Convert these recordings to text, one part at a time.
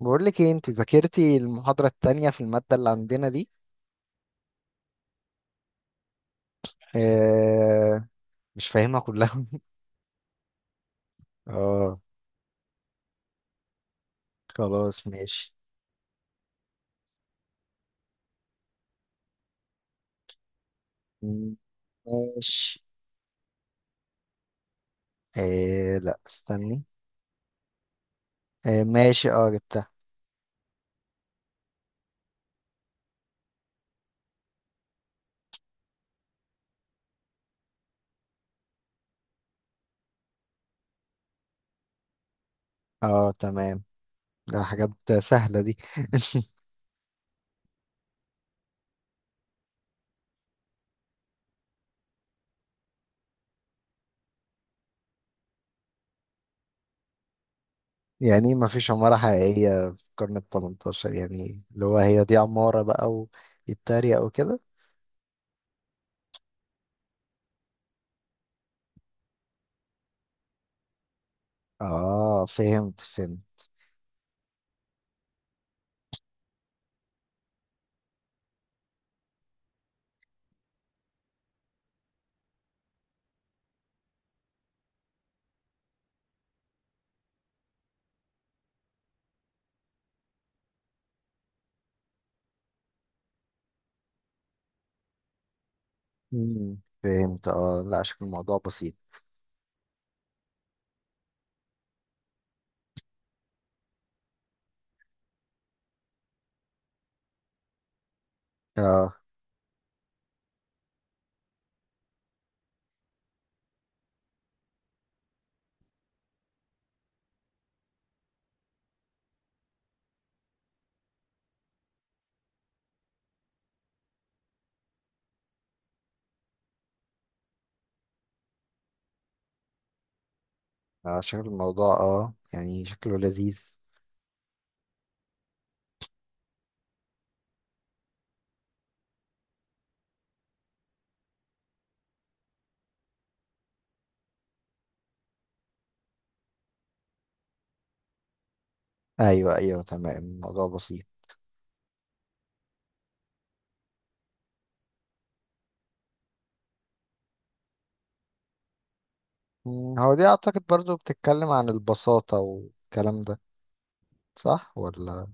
بقول لك ايه؟ انت ذاكرتي المحاضرة التانية في المادة اللي عندنا دي؟ اه، مش فاهمها كلها. اه. خلاص ماشي. مم، ماشي. اه لا، استني. اه ماشي، اه جبتها. اه تمام، ده حاجات سهلة دي. يعني ما فيش عمارة حقيقية في القرن التمنتاشر؟ يعني اللي هو هي دي عمارة بقى ويتريق وكده. اه فهمت فهمت. فهمت. اه لا، شكل الموضوع بسيط. اه شكل الموضوع، اه يعني شكله لذيذ. ايوه ايوه، تمام، الموضوع بسيط. مم، هو دي اعتقد برضو بتتكلم عن البساطة والكلام ده، صح ولا؟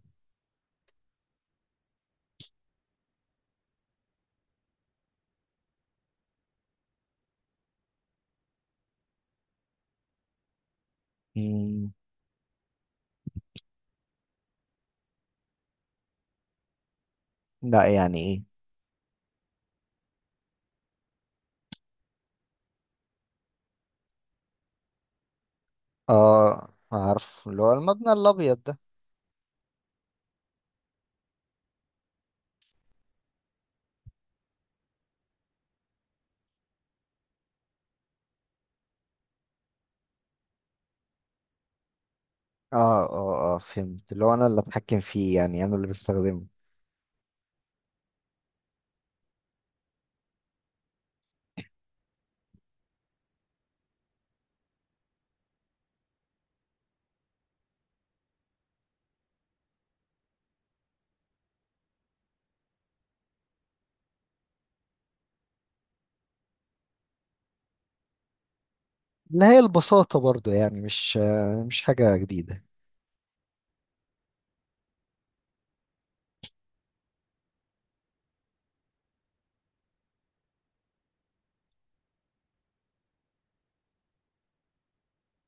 مم. لا، يعني ايه؟ اه عارف، اللي هو المبنى الابيض ده. اه. اه فهمت، اللي هو انا اللي اتحكم فيه، يعني انا اللي بستخدمه. اللي هي البساطة برضو، يعني مش مش حاجة جديدة.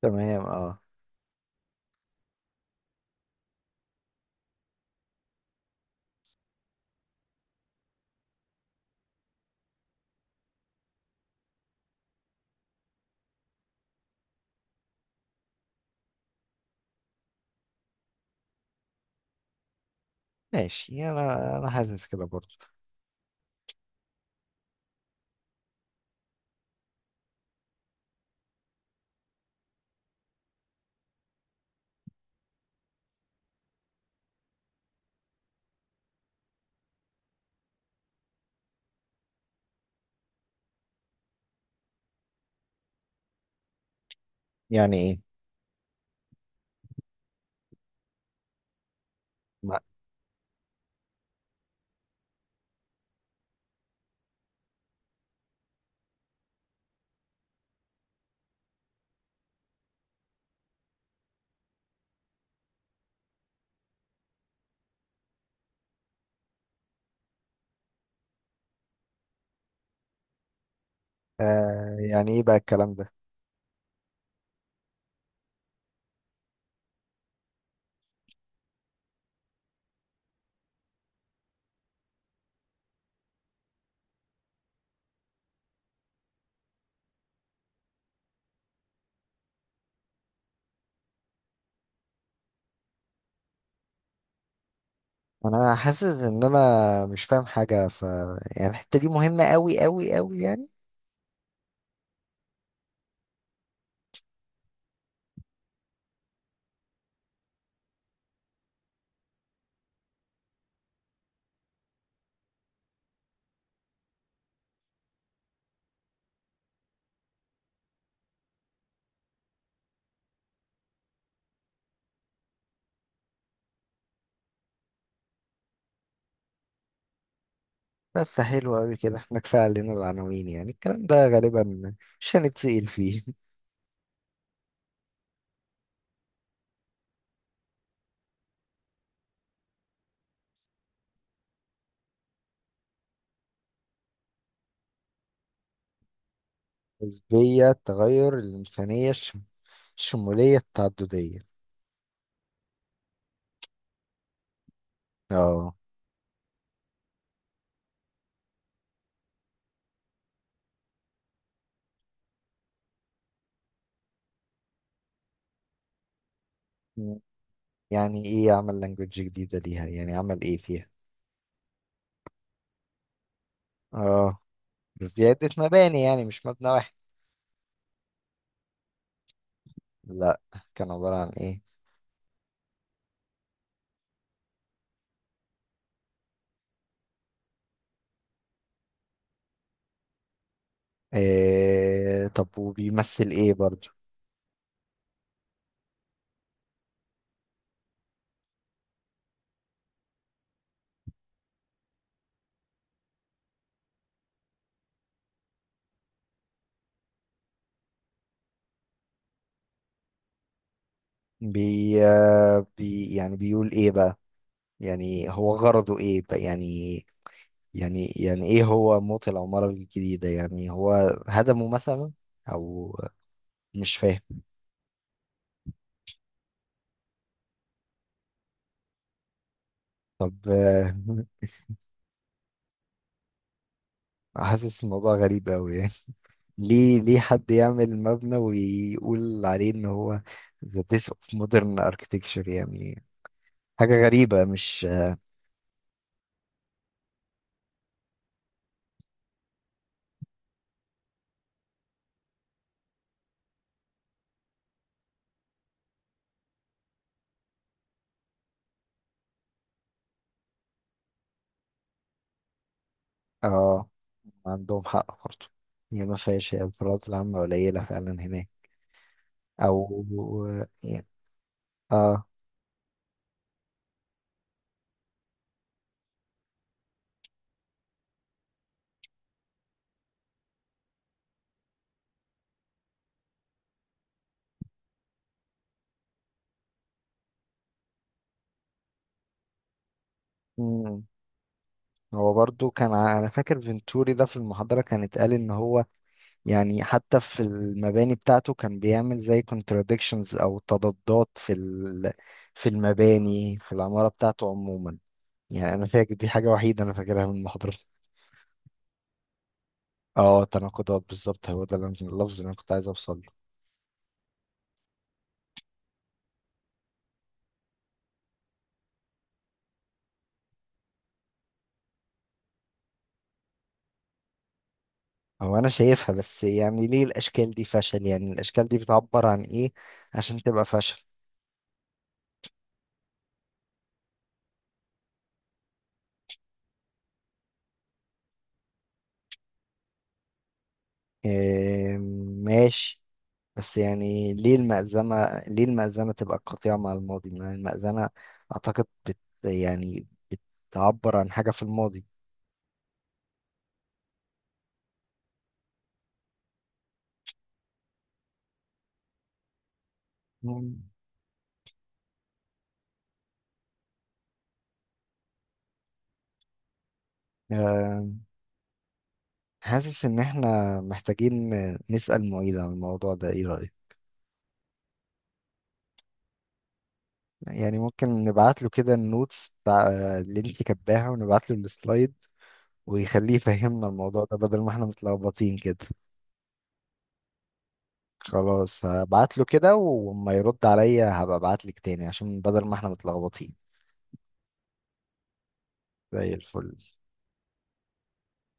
تمام اه. ماشي، انا حاسس كده برضو. يعني ايه؟ ما- آه يعني ايه بقى الكلام ده؟ انا حاسس ان انا مش فاهم حاجه، ف يعني الحته دي مهمه قوي قوي قوي يعني. بس حلو قوي كده، احنا كفايه علينا العناوين، يعني الكلام ده غالبا مش هنتسأل فيه. نسبيه، التغير، الانسانيه، الشموليه، التعدديه. اه. يعني ايه عمل لانجوج جديده ليها؟ يعني عمل ايه فيها؟ اه. بس دي عده مباني، يعني مش مبنى واحد. لا. كان عباره عن ايه؟ إيه... طب وبيمثل ايه برضه؟ بي, بي، يعني بيقول ايه بقى؟ يعني هو غرضه ايه بقى؟ يعني يعني ايه هو موت العمارة الجديدة؟ يعني هو هدمه مثلا او مش فاهم. طب حاسس الموضوع غريب قوي يعني. ليه حد يعمل مبنى ويقول عليه ان هو the death of modern architecture؟ يعني حاجة غريبة، مش؟ اه، عندهم حق برضه. هي ما فيهاش، هي الفروقات العامة قليلة فعلا هناك. أو اه. مم. هو برضو كان انا فاكر فينتوري ده في المحاضرة كان اتقال ان هو، يعني حتى في المباني بتاعته كان بيعمل زي contradictions او تضادات في ال... في المباني في العمارة بتاعته عموما. يعني انا فاكر دي حاجة وحيدة انا فاكرها من المحاضرة. اه تناقضات بالظبط، هو ده اللي اللفظ اللي انا كنت عايز اوصل له. هو انا شايفها، بس يعني ليه الاشكال دي فشل؟ يعني الاشكال دي بتعبر عن ايه عشان تبقى فشل؟ إيه ماشي، بس يعني ليه المأذنة، ليه المأذنة تبقى قطيعة مع الماضي؟ ما المأذنة أعتقد بت يعني بتعبر عن حاجة في الماضي. مم. آه، حاسس إن إحنا محتاجين نسأل معيد عن الموضوع ده، إيه رأيك؟ يعني ممكن نبعت له كده النوتس بتاع اللي أنت كاتباها، ونبعت له السلايد، ويخليه يفهمنا الموضوع ده، بدل ما إحنا متلخبطين كده. خلاص هبعت له كده، وما يرد عليا هبقى ابعت لك تاني، عشان بدل ما إحنا متلخبطين. زي الفل.